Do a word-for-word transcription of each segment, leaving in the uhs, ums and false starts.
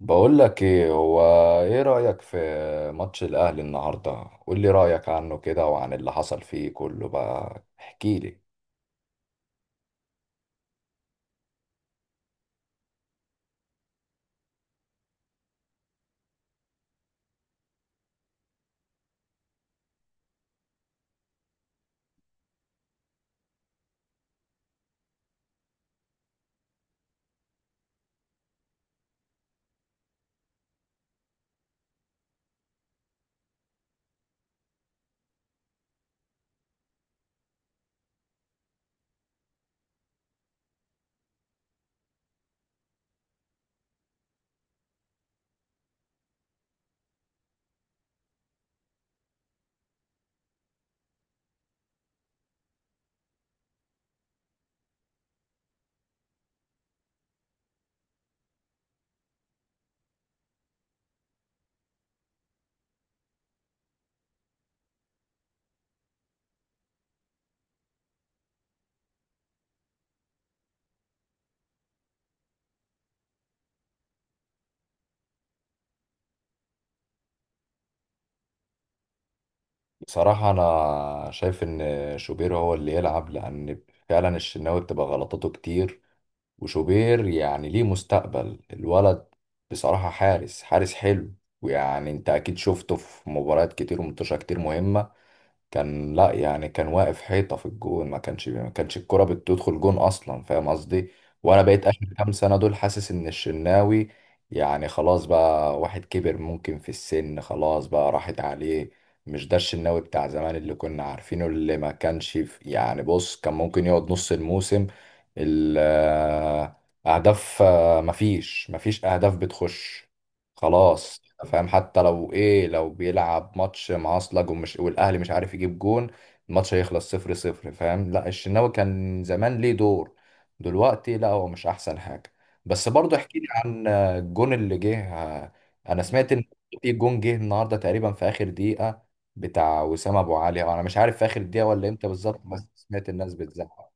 بقول لك ايه هو. ايه رأيك في ماتش الاهلي النهارده؟ قول لي رأيك عنه كده وعن اللي حصل فيه كله، بقى احكي لي. بصراحة انا شايف ان شوبير هو اللي يلعب، لان فعلا الشناوي بتبقى غلطاته كتير، وشوبير يعني ليه مستقبل الولد، بصراحة حارس حارس حلو. ويعني انت اكيد شفته في مباريات كتير ومنتشرة، كتير مهمة كان، لا يعني كان واقف حيطة في الجون، ما كانش ما كانش الكرة بتدخل جون أصلا، فاهم قصدي؟ وأنا بقيت آخر كام سنة دول حاسس إن الشناوي يعني خلاص بقى، واحد كبر ممكن في السن، خلاص بقى راحت عليه. مش ده الشناوي بتاع زمان اللي كنا عارفينه، اللي ما كانش في يعني بص، كان ممكن يقعد نص الموسم، ال- آه، أهداف، آه، مفيش مفيش أهداف بتخش، خلاص فاهم؟ حتى لو ايه، لو بيلعب ماتش معصلج ومش، والاهلي مش عارف يجيب جون، الماتش هيخلص صفر صفر، فاهم؟ لا الشناوي كان زمان ليه دور، دلوقتي لا هو مش احسن حاجه. بس برضه احكي لي عن الجون اللي جه. انا سمعت ان في جون جه النهارده تقريبا في اخر دقيقه، بتاع وسام ابو علي، انا مش عارف في اخر دقيقه ولا امتى بالظبط، بس سمعت الناس بتزعق.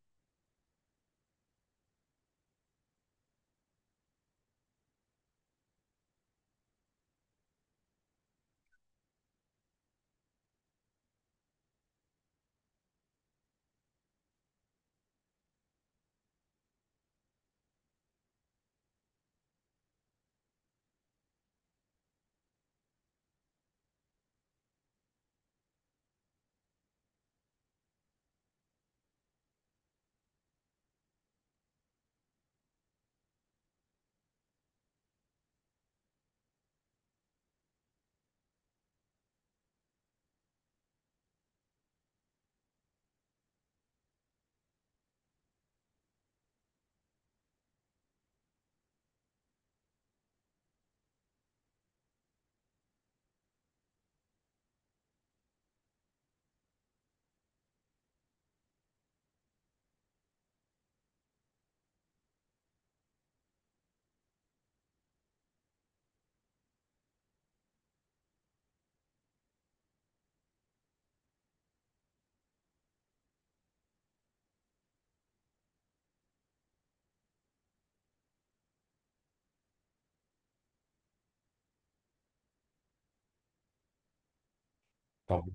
طب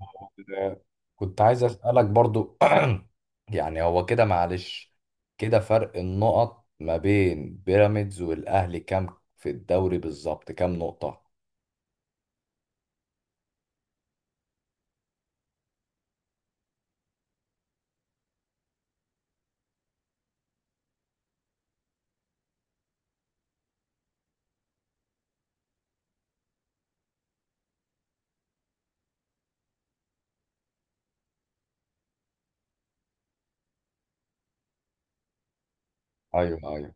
آه، كنت عايز أسألك برضو. يعني هو كده، معلش، كده فرق النقط ما بين بيراميدز والأهلي كام في الدوري بالظبط؟ كام نقطة؟ أيوه، أيوه.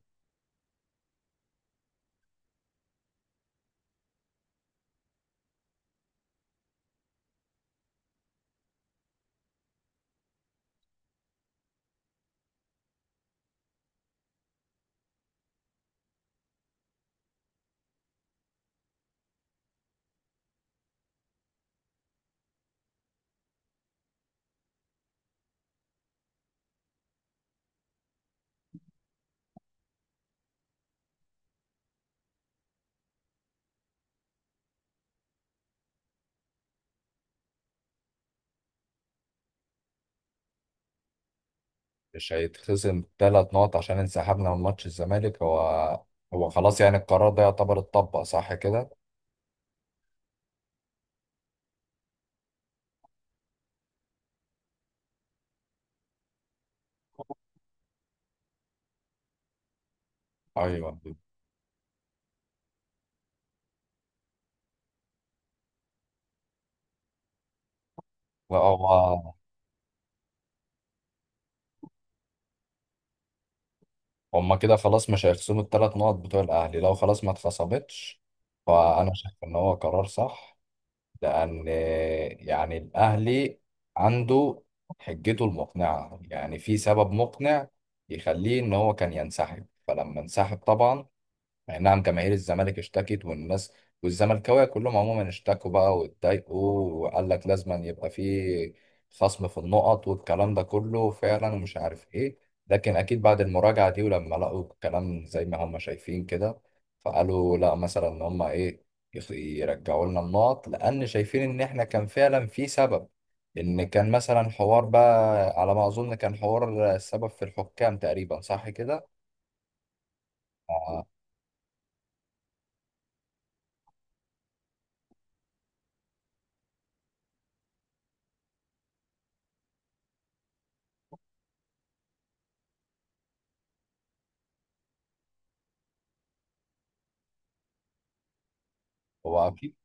مش هيتخصم ثلاث نقط عشان انسحبنا من ماتش الزمالك؟ هو هو خلاص يعني القرار ده يعتبر اتطبق صح كده؟ أيوه. لا هو هما كده خلاص مش هيخصموا الثلاث نقط بتوع الأهلي، لو خلاص ما اتخصمتش فأنا شايف إن هو قرار صح. لأن يعني الأهلي عنده حجته المقنعة، يعني في سبب مقنع يخليه إن هو كان ينسحب. فلما انسحب طبعا، يعني نعم جماهير الزمالك اشتكت، والناس والزملكاويه كلهم عموما اشتكوا بقى واتضايقوا، وقال لك لازم أن يبقى في خصم في النقط والكلام ده كله فعلا ومش عارف ايه. لكن اكيد بعد المراجعه دي، ولما لقوا الكلام زي ما هم شايفين كده، فقالوا لا، مثلا ان هم ايه، يخ- يرجعوا لنا النقط، لان شايفين ان احنا كان فعلا في سبب، ان كان مثلا حوار بقى، على ما اظن كان حوار السبب في الحكام تقريبا، صح كده؟ آه، هو أكيد.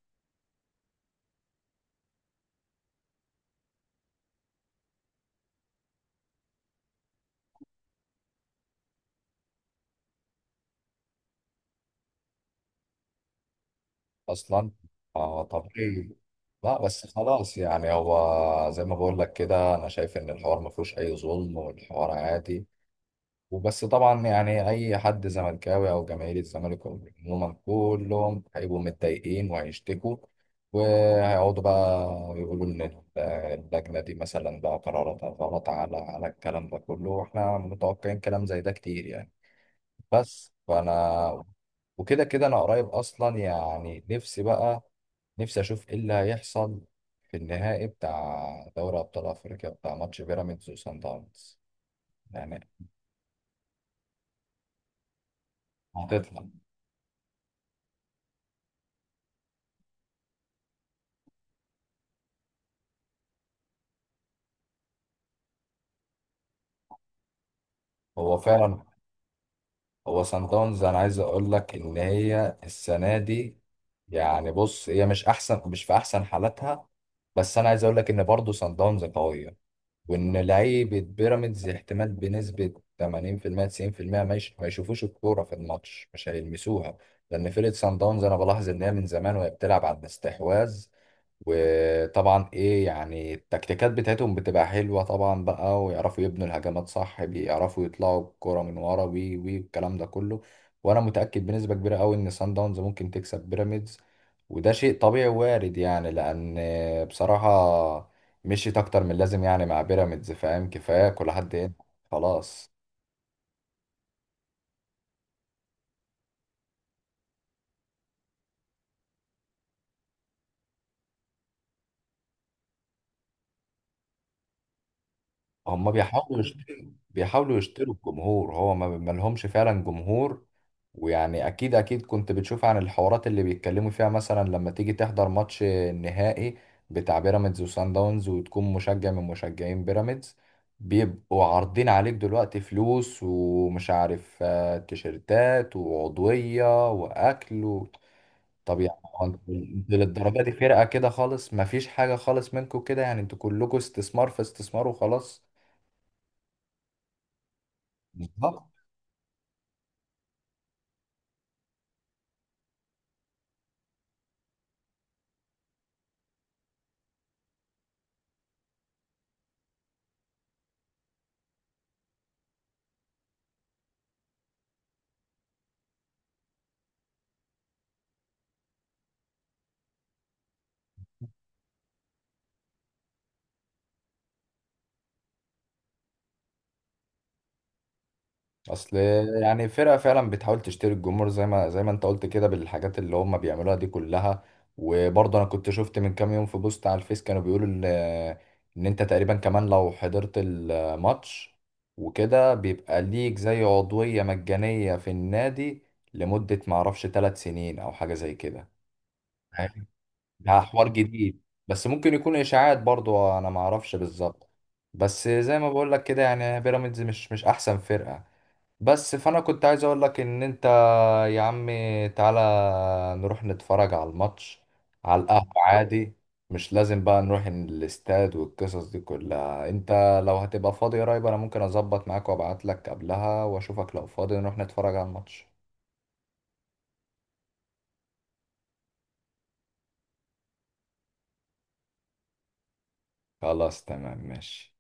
اصلا اه طبيعي. لا بس خلاص، يعني هو زي ما بقول لك كده، انا شايف ان الحوار ما فيهوش اي ظلم، والحوار عادي. وبس طبعا يعني اي حد زملكاوي او جماهير الزمالك عموما، كلهم هيبقوا متضايقين وهيشتكوا، وهيقعدوا بقى يقولوا ان ال- اللجنه دي مثلا بقى قراراتها غلط، على على الكلام ده كله، واحنا متوقعين كلام زي ده كتير يعني. بس فانا، وكده كده انا قريب اصلا، يعني نفسي بقى، نفسي اشوف ايه اللي هيحصل في النهائي بتاع دوري ابطال افريقيا، بتاع ماتش بيراميدز وسان داونز، يعني هتطلع. هو فعلا هو سان داونز، انا عايز اقول لك ان هي السنه دي، يعني بص هي مش احسن، مش في احسن حالاتها، بس انا عايز اقول لك ان برضه سان داونز قويه، وان لعيبه بيراميدز احتمال بنسبه تمانين في المية تسعين في المية ما يش- ما يشوفوش الكوره في الماتش، مش هيلمسوها. لان فرقه سان داونز انا بلاحظ ان هي من زمان وهي بتلعب على الاستحواذ، وطبعا ايه يعني التكتيكات بتاعتهم بتبقى حلوة طبعا بقى، ويعرفوا يبنوا الهجمات صح، بيعرفوا يطلعوا الكرة من ورا، وي وي الكلام ده كله. وانا متأكد بنسبة كبيرة قوي ان سان داونز ممكن تكسب بيراميدز، وده شيء طبيعي وارد يعني، لان بصراحة مشيت اكتر من لازم يعني مع بيراميدز، فاهم؟ كفاية كل حد هنا خلاص. هم بيحاولوا يشتروا بيحاولوا يشتروا الجمهور، هو ما ما لهمش فعلا جمهور. ويعني اكيد اكيد كنت بتشوف عن الحوارات اللي بيتكلموا فيها، مثلا لما تيجي تحضر ماتش نهائي بتاع بيراميدز وسان داونز، وتكون مشجع من مشجعين بيراميدز، بيبقوا عارضين عليك دلوقتي فلوس ومش عارف آه، تيشيرتات وعضوية واكل و... طب يعني هو انت، انت للدرجة دي فرقة كده خالص، مفيش حاجة خالص منكم كده، يعني انتوا كلكم استثمار في استثمار وخلاص، بالظبط. اصل يعني فرقه فعلا بتحاول تشتري الجمهور زي ما، زي ما انت قلت كده، بالحاجات اللي هم بيعملوها دي كلها. وبرضه انا كنت شفت من كام يوم في بوست على الفيس، كانوا بيقولوا ال- ان انت تقريبا كمان لو حضرت الماتش وكده، بيبقى ليك زي عضويه مجانيه في النادي لمده ما اعرفش، ثلاث سنين او حاجه زي كده. فاهم؟ ده حوار جديد، بس ممكن يكون اشاعات برضه، انا ما اعرفش بالظبط. بس زي ما بقول لك كده، يعني بيراميدز مش مش احسن فرقه. بس فانا كنت عايز اقول لك ان انت يا عم، تعالى نروح نتفرج على الماتش على القهوة عادي، مش لازم بقى نروح الاستاد والقصص دي كلها. انت لو هتبقى فاضي قريب، انا ممكن اظبط معاك وابعت لك قبلها واشوفك، لو فاضي نروح نتفرج على الماتش. خلاص تمام ماشي.